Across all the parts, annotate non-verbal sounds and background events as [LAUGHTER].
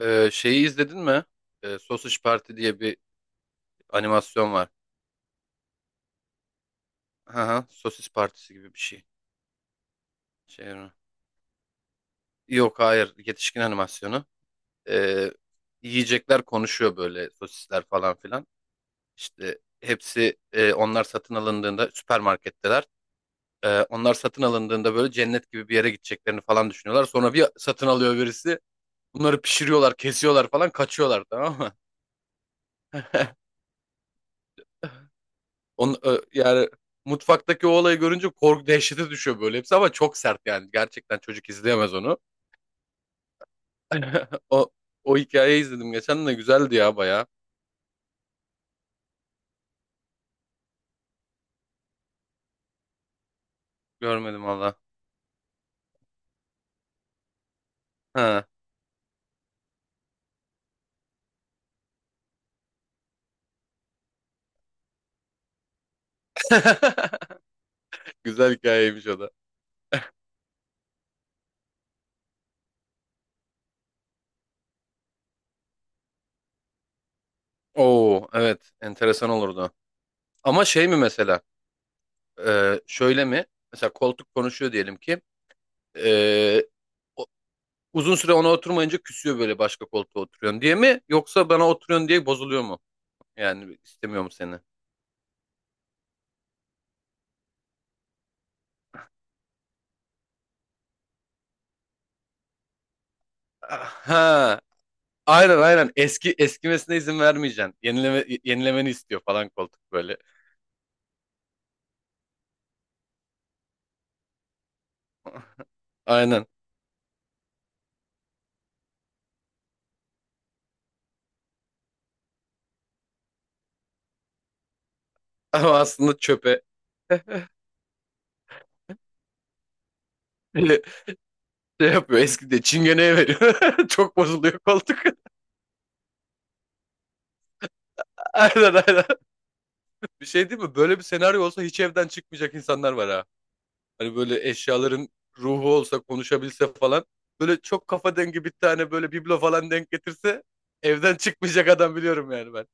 Şeyi izledin mi? Sausage Party diye bir animasyon var. Aha, sosis partisi gibi bir şey. Şey mi? Yok hayır yetişkin animasyonu. Ee, Yiyecekler konuşuyor böyle sosisler falan filan. İşte hepsi onlar satın alındığında süpermarketteler. Onlar satın alındığında böyle cennet gibi bir yere gideceklerini falan düşünüyorlar. Sonra bir satın alıyor birisi. Bunları pişiriyorlar, kesiyorlar falan kaçıyorlar tamam mı? Onun, yani mutfaktaki o olayı görünce korku dehşete düşüyor böyle hepsi ama çok sert yani. Gerçekten çocuk izleyemez onu. [LAUGHS] O, o hikayeyi izledim geçen de güzeldi ya baya. Görmedim valla. Ha. [LAUGHS] Güzel hikayeymiş o da. Oo evet enteresan olurdu. Ama şey mi mesela şöyle mi? Mesela koltuk konuşuyor diyelim ki e, o- uzun süre ona oturmayınca küsüyor böyle başka koltuğa oturuyorsun diye mi? Yoksa bana oturuyorsun diye bozuluyor mu? Yani istemiyor mu seni? Ha. Aynen aynen. Eski eskimesine izin vermeyeceksin. Yenileme, yenilemeni istiyor falan koltuk böyle. [LAUGHS] Aynen. Ama aslında çöpe [LAUGHS] şey yapıyor. Eski de çingeneye veriyor. [LAUGHS] Çok bozuluyor koltuk. [LAUGHS] Aynen aynen. Bir şey değil mi? Böyle bir senaryo olsa hiç evden çıkmayacak insanlar var ha. Hani böyle eşyaların ruhu olsa konuşabilse falan. Böyle çok kafa dengi bir tane böyle biblo falan denk getirse evden çıkmayacak adam biliyorum yani ben.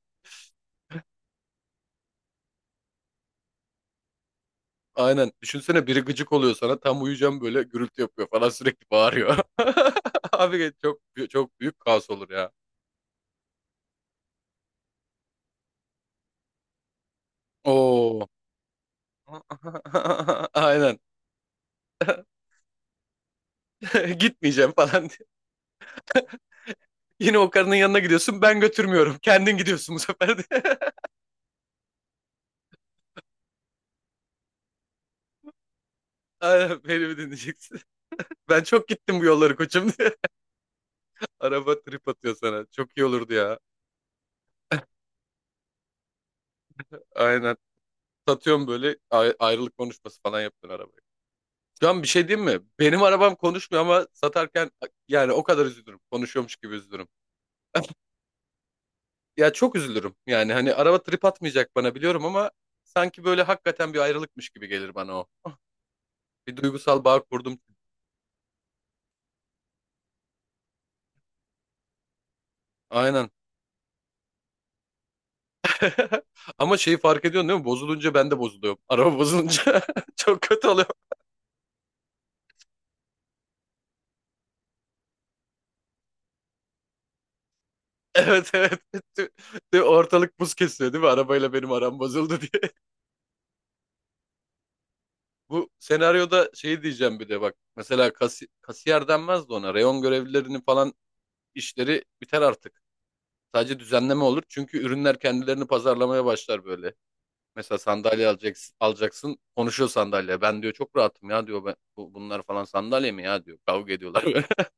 Aynen. Düşünsene biri gıcık oluyor sana. Tam uyuyacağım böyle gürültü yapıyor falan sürekli bağırıyor. [LAUGHS] Abi çok büyük kaos olur ya. Oo. [LAUGHS] Aynen. [LAUGHS] Gitmeyeceğim falan diye. Yine o karının yanına gidiyorsun. Ben götürmüyorum. Kendin gidiyorsun bu sefer de. [LAUGHS] Aynen beni mi dinleyeceksin? [LAUGHS] Ben çok gittim bu yolları koçum diye. [LAUGHS] Araba trip atıyor sana. Çok iyi olurdu ya. Aynen. Satıyorum böyle ayrılık konuşması falan yaptın arabaya. Şu an bir şey diyeyim mi? Benim arabam konuşmuyor ama satarken yani o kadar üzülürüm. Konuşuyormuş gibi üzülürüm. Ya çok üzülürüm. Yani hani araba trip atmayacak bana biliyorum ama sanki böyle hakikaten bir ayrılıkmış gibi gelir bana o. Bir duygusal bağ kurdum. Aynen. [LAUGHS] Ama şeyi fark ediyorsun değil mi? Bozulunca ben de bozuluyorum. Araba bozulunca [LAUGHS] çok kötü oluyor. [LAUGHS] Evet evet. Tü- Ortalık buz kesiyor değil mi? Arabayla benim aram bozuldu diye. [LAUGHS] Bu senaryoda şey diyeceğim bir de bak. Mesela kasiyer denmez de ona. Reyon görevlilerinin falan işleri biter artık. Sadece düzenleme olur çünkü ürünler kendilerini pazarlamaya başlar böyle. Mesela sandalye alacaksın, konuşuyor sandalye. Ben diyor çok rahatım ya diyor ben, bunlar falan sandalye mi ya diyor. Kavga ediyorlar böyle. [LAUGHS]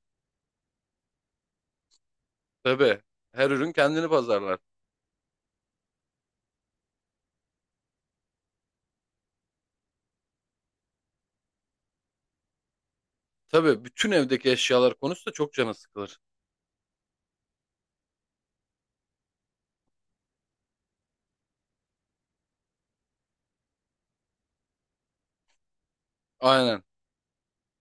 Tabii her ürün kendini pazarlar. Tabii bütün evdeki eşyalar konusu da çok canı sıkılır. Aynen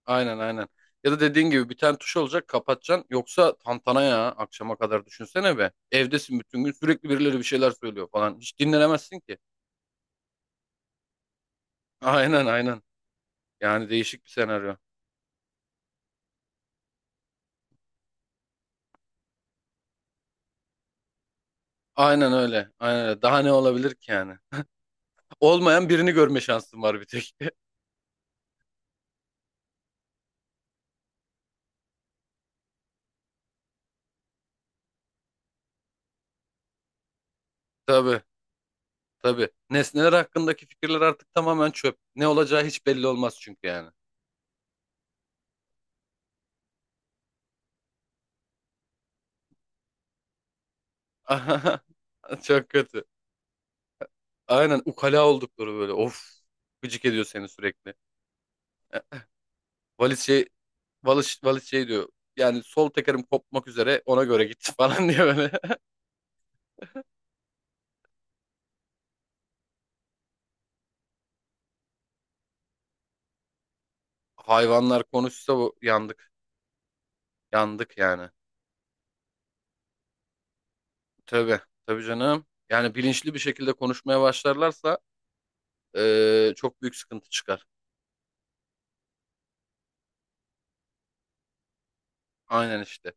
aynen aynen. Ya da dediğin gibi bir tane tuş olacak kapatacaksın. Yoksa tantana ya akşama kadar düşünsene be. Evdesin bütün gün sürekli birileri bir şeyler söylüyor falan. Hiç dinlenemezsin ki. Aynen aynen. Yani değişik bir senaryo. Aynen öyle. Aynen öyle. Daha ne olabilir ki yani? Olmayan birini görme şansım var bir tek. [LAUGHS] Tabii, tabii. Nesneler hakkındaki fikirler artık tamamen çöp. Ne olacağı hiç belli olmaz çünkü yani. [LAUGHS] Çok kötü. Aynen ukala oldukları böyle. Of. Gıcık ediyor seni sürekli. E, Valiz şey, valiz, şey diyor. Yani sol tekerim kopmak üzere ona göre git [LAUGHS] falan diye böyle. [LAUGHS] Hayvanlar konuşsa bu yandık. Yandık yani. Tabii, tabii canım. Yani bilinçli bir şekilde konuşmaya başlarlarsa çok büyük sıkıntı çıkar. Aynen işte,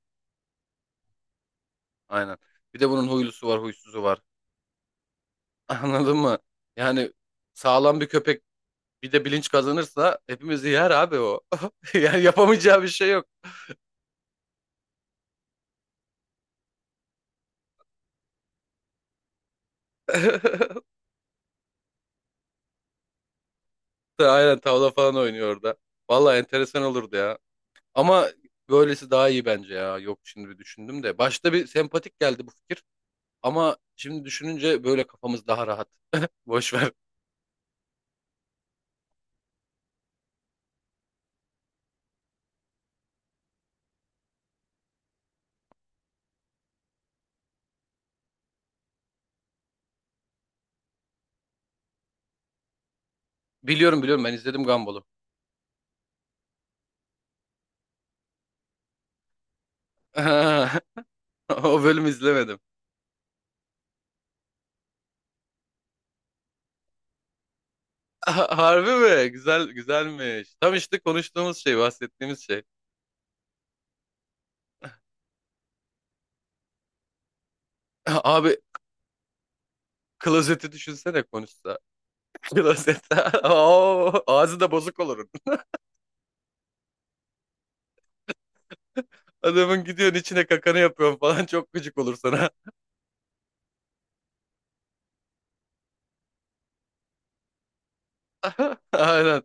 aynen. Bir de bunun huylusu var, huysuzu var. [LAUGHS] Anladın mı? Yani sağlam bir köpek bir de bilinç kazanırsa hepimizi yer abi o. [LAUGHS] Yani yapamayacağı bir şey yok. [LAUGHS] Aynen tavla falan oynuyor orada. Vallahi enteresan olurdu ya. Ama böylesi daha iyi bence ya. Yok şimdi bir düşündüm de. Başta bir sempatik geldi bu fikir. Ama şimdi düşününce böyle kafamız daha rahat. [LAUGHS] Boş ver. Biliyorum, biliyorum, ben izledim Gumball'u. [LAUGHS] O bölümü izlemedim. Harbi mi? Güzel güzelmiş. Tam işte konuştuğumuz şey, bahsettiğimiz şey. [LAUGHS] Abi klozeti düşünsene konuşsa. [LAUGHS] Klozet. [LAUGHS] Oo, ağzı da bozuk olur. Adamın gidiyorsun içine kakanı yapıyorsun falan çok gıcık olur sana. [LAUGHS] Aynen.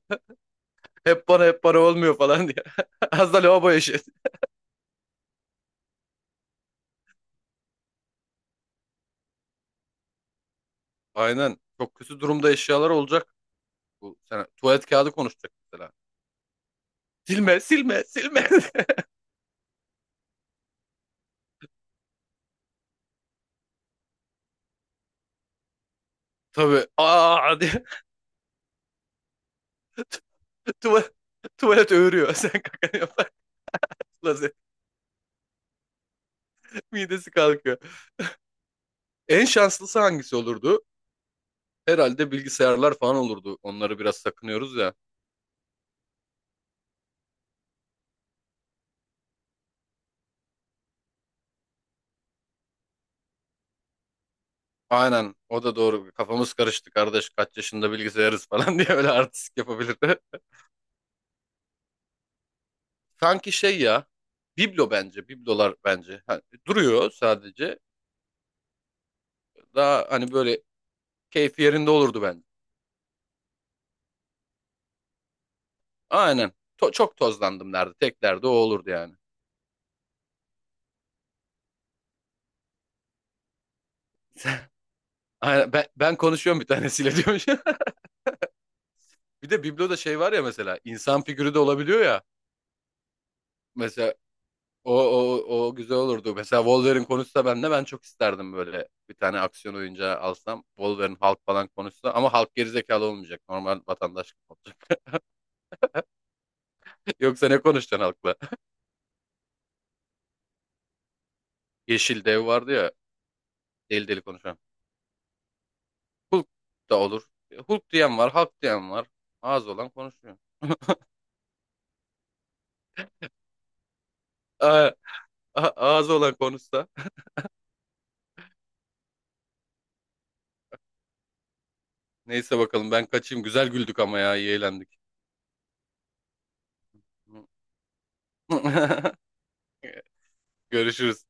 Hep bana hep bana olmuyor falan diye. [LAUGHS] Az da lavabo eşi. Aynen. Çok kötü durumda eşyalar olacak. Bu sene tuvalet kağıdı konuşacak mesela. Silme, silme, silme. [LAUGHS] Tabii. Aa diye. [LAUGHS] Tuvalet, tuvalet öğürüyor. [LAUGHS] Sen kakanı yaparsın. Midesi kalkıyor. En şanslısı hangisi olurdu? Herhalde bilgisayarlar falan olurdu. Onları biraz sakınıyoruz ya. Aynen o da doğru. Kafamız karıştı kardeş kaç yaşında bilgisayarız falan [LAUGHS] diye öyle artistik yapabilirdi. [LAUGHS] Sanki şey ya biblo bence biblolar bence. Hani duruyor sadece. Daha hani böyle keyfi yerinde olurdu bence. Aynen. Çok tozlandım derdi. Tek derdi o olurdu yani. Aynen. Ben, konuşuyorum bir tanesiyle [LAUGHS] diyormuş. Bir de bibloda şey var ya mesela insan figürü de olabiliyor ya. Mesela o o o güzel olurdu. Mesela Wolverine konuşsa ben de ben çok isterdim böyle bir tane aksiyon oyuncağı alsam. Wolverine Hulk falan konuşsa ama Hulk gerizekalı olmayacak. Normal vatandaş gibi olacak. [LAUGHS] Yoksa ne konuşacaksın Hulk'la? Yeşil dev vardı ya deli deli konuşan. Hulk da olur. Hulk diyen var, Hulk diyen var. Ağzı olan konuşuyor. Aa, ağzı olan konuşsa. [LAUGHS] Neyse bakalım ben kaçayım. Güzel güldük ama ya iyi eğlendik. [LAUGHS] Görüşürüz.